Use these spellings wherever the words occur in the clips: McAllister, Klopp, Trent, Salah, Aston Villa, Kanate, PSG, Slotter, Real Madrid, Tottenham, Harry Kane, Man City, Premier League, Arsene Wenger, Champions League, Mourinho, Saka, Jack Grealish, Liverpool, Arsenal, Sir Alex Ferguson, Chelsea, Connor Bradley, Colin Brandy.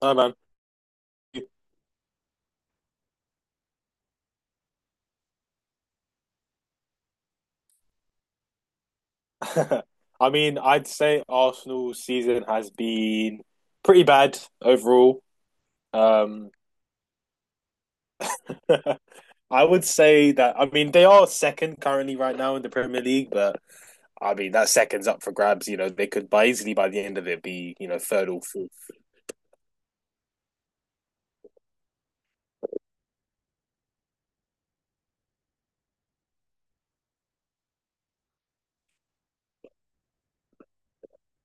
No, man. I mean, I'd say Arsenal's season has been pretty bad overall. Um, I would say that, I mean, they are second currently right now in the Premier League, but I mean, that second's up for grabs. They could by easily by the end of it be, third or fourth.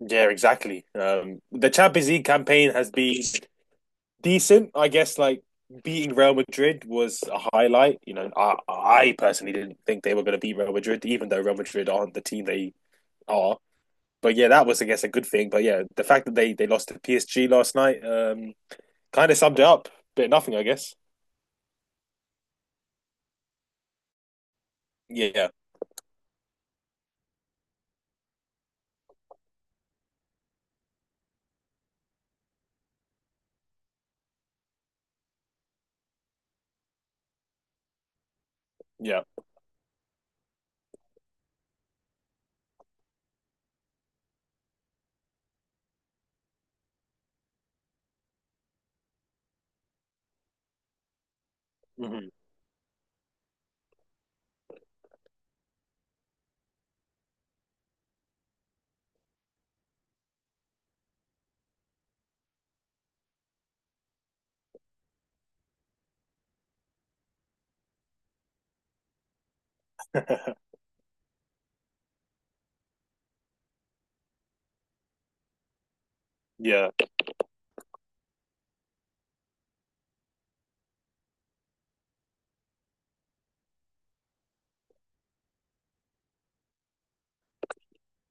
Yeah, exactly. The Champions League campaign has been decent, I guess. Like beating Real Madrid was a highlight. You know, I personally didn't think they were going to beat Real Madrid, even though Real Madrid aren't the team they are. But yeah, that was I guess a good thing. But yeah, the fact that they lost to PSG last night kind of summed it up. Bit of nothing, I guess. Yeah, yeah, hmm yeah,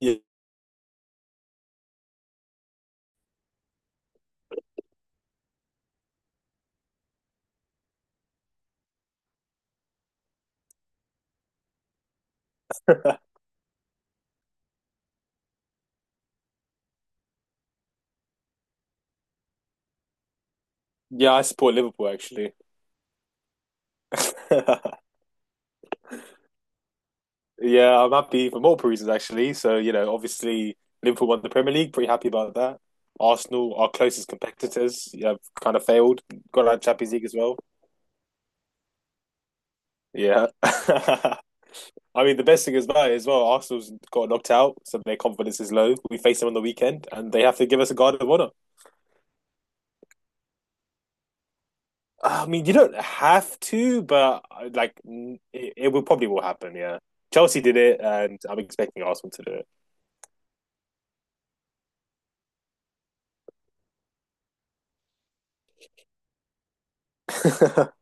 yeah, yeah. I support Liverpool actually. Yeah, I'm happy for multiple reasons actually. So, you know, obviously Liverpool won the Premier League, pretty happy about that. Arsenal, our closest competitors, yeah, have kind of failed. Got out Champions League as well. Yeah. I mean, the best thing is that as well, Arsenal's got knocked out, so their confidence is low. We face them on the weekend, and they have to give us a guard of honor. I mean, you don't have to, but like, it will probably will happen. Yeah, Chelsea did it, and I'm expecting Arsenal to do it.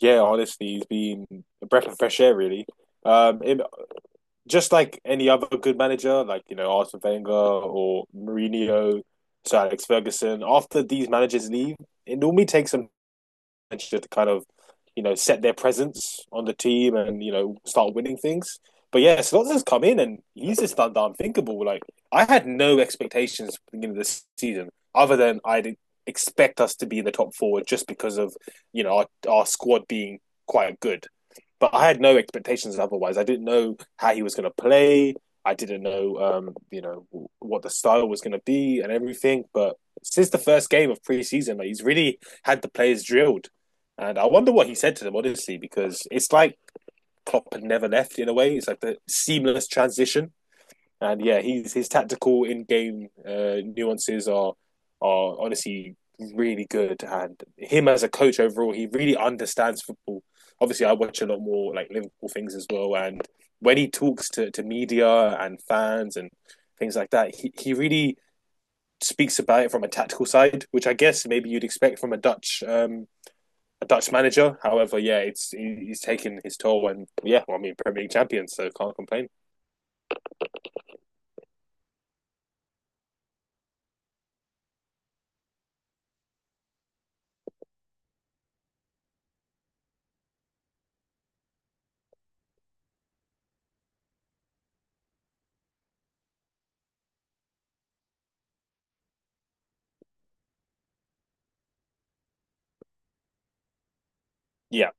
Yeah, honestly, he's been a breath of fresh air, really. Um, in, just like any other good manager, like you know Arsene Wenger or Mourinho, Sir Alex Ferguson. After these managers leave, it normally takes them to kind of you know set their presence on the team and you know start winning things. But yeah, Slotter's come in and he's just done the unthinkable. Like I had no expectations at the beginning of this season, other than I did expect us to be in the top four just because of you know our squad being quite good but I had no expectations otherwise. I didn't know how he was going to play. I didn't know, you know, what the style was going to be and everything. But since the first game of preseason, like, he's really had the players drilled. And I wonder what he said to them, honestly, because it's like Klopp had never left in a way. It's like the seamless transition and yeah, he's his tactical in game nuances are honestly really good. And him as a coach overall, he really understands football. Obviously, I watch a lot more like Liverpool things as well. And when he talks to media and fans and things like that, he really speaks about it from a tactical side, which I guess maybe you'd expect from a Dutch manager. However, yeah, it's he's taken his toll, and yeah, well, I mean Premier League champions, so can't complain. Yeah,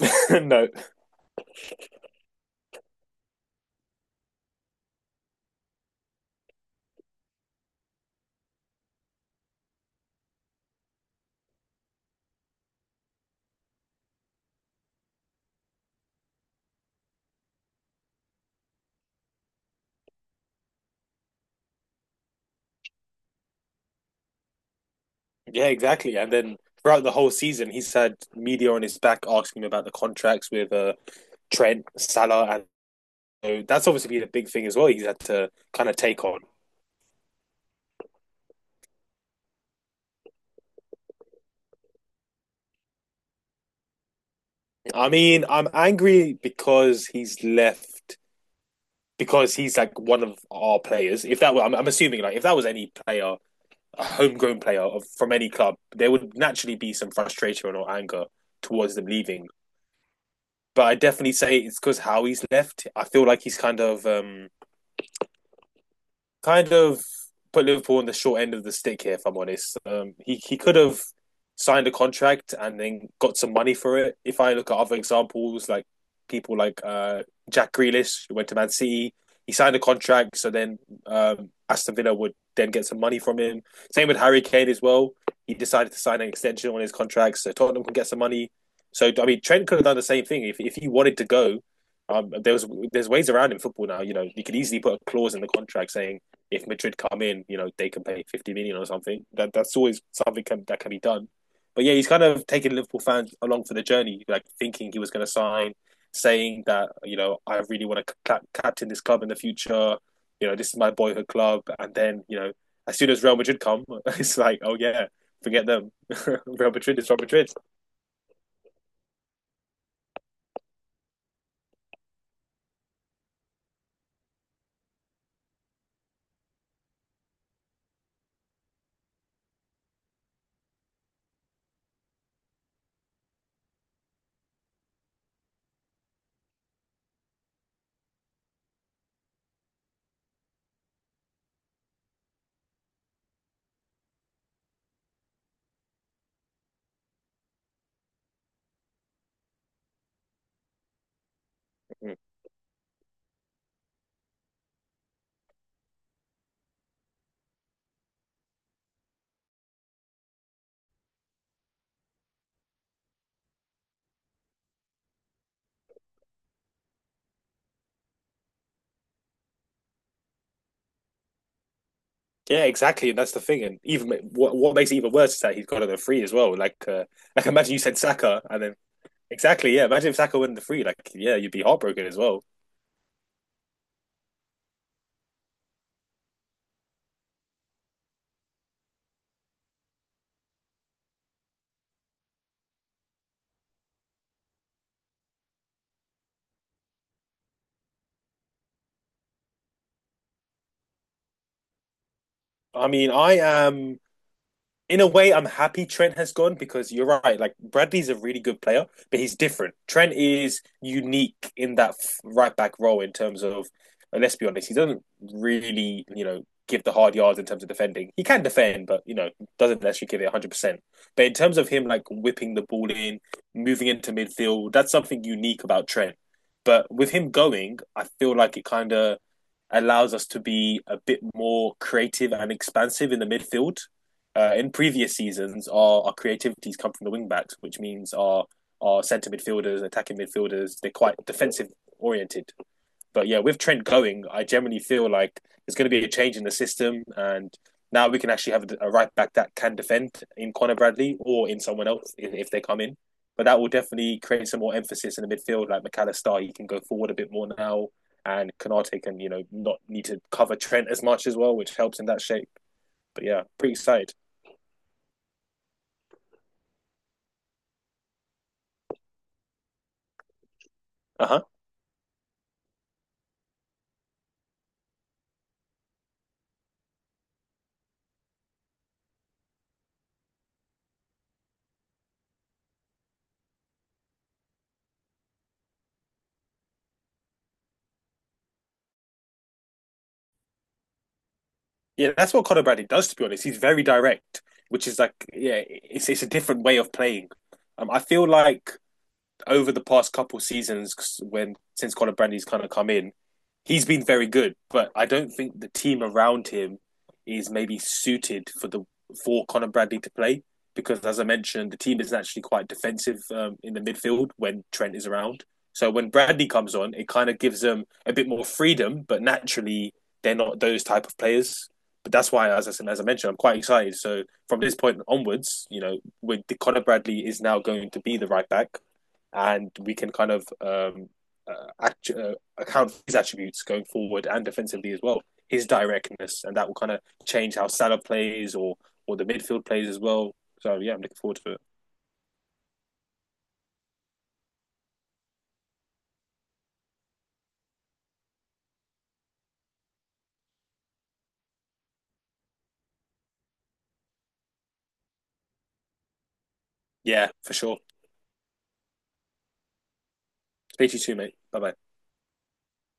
no, yeah, exactly. And then throughout the whole season, he's had media on his back asking him about the contracts with Trent, Salah, and so that's obviously been a big thing as well. He's had to kind of take on. I mean, I'm angry because he's left because he's like one of our players. If that were, I'm assuming like if that was any player a homegrown player from any club, there would naturally be some frustration or anger towards them leaving. But I definitely say it's because how he's left. I feel like he's kind of kind of put Liverpool on the short end of the stick here, if I'm honest. He could have signed a contract and then got some money for it. If I look at other examples, like people like Jack Grealish, who went to Man City, he signed a contract, so then Aston Villa would then get some money from him. Same with Harry Kane as well. He decided to sign an extension on his contract, so Tottenham can get some money. So I mean, Trent could have done the same thing if he wanted to go. There's ways around in football now. You know, you could easily put a clause in the contract saying if Madrid come in, you know, they can pay 50 million or something. That's always something can, that can be done. But yeah, he's kind of taking Liverpool fans along for the journey, like thinking he was going to sign, saying that you know I really want to captain this club in the future. You know, this is my boyhood club, and then you know, as soon as Real Madrid come, it's like, oh yeah, forget them. Real Madrid is Real Madrid. Mm. Yeah, exactly, and that's the thing. And even what makes it even worse is that he's got it on the free as well. Like imagine you said Saka, and then exactly, yeah. Imagine if Saka won the free, like, yeah, you'd be heartbroken as well. I mean, I am. In a way, I'm happy Trent has gone because you're right. Like Bradley's a really good player, but he's different. Trent is unique in that right back role in terms of, let's be honest, he doesn't really, you know, give the hard yards in terms of defending. He can defend, but you know, doesn't actually give it 100% percent. But in terms of him like whipping the ball in, moving into midfield, that's something unique about Trent. But with him going, I feel like it kind of allows us to be a bit more creative and expansive in the midfield. In previous seasons, our creativities come from the wing backs, which means our centre midfielders, attacking midfielders, they're quite defensive oriented. But yeah, with Trent going, I generally feel like there's going to be a change in the system, and now we can actually have a right back that can defend in Connor Bradley or in someone else if they come in. But that will definitely create some more emphasis in the midfield. Like McAllister, he can go forward a bit more now, and Kanate can you know not need to cover Trent as much as well, which helps in that shape. But yeah, pretty excited. Uh huh. Yeah, that's what Connor Bradley does. To be honest, he's very direct, which is like yeah, it's a different way of playing. I feel like over the past couple seasons, when since Colin Brandy's kind of come in, he's been very good. But I don't think the team around him is maybe suited for the for Colin Brandy to play because, as I mentioned, the team is actually quite defensive in the midfield when Trent is around. So when Brandy comes on, it kind of gives them a bit more freedom. But naturally, they're not those type of players. But that's why, as I said, as I mentioned, I'm quite excited. So from this point onwards, you know, with the Conor Bradley is now going to be the right back and we can kind of account for his attributes going forward and defensively as well. His directness, and that will kind of change how Salah plays or the midfield plays as well. So yeah, I'm looking forward to it. Yeah, for sure. Speak to you too, mate. Bye bye.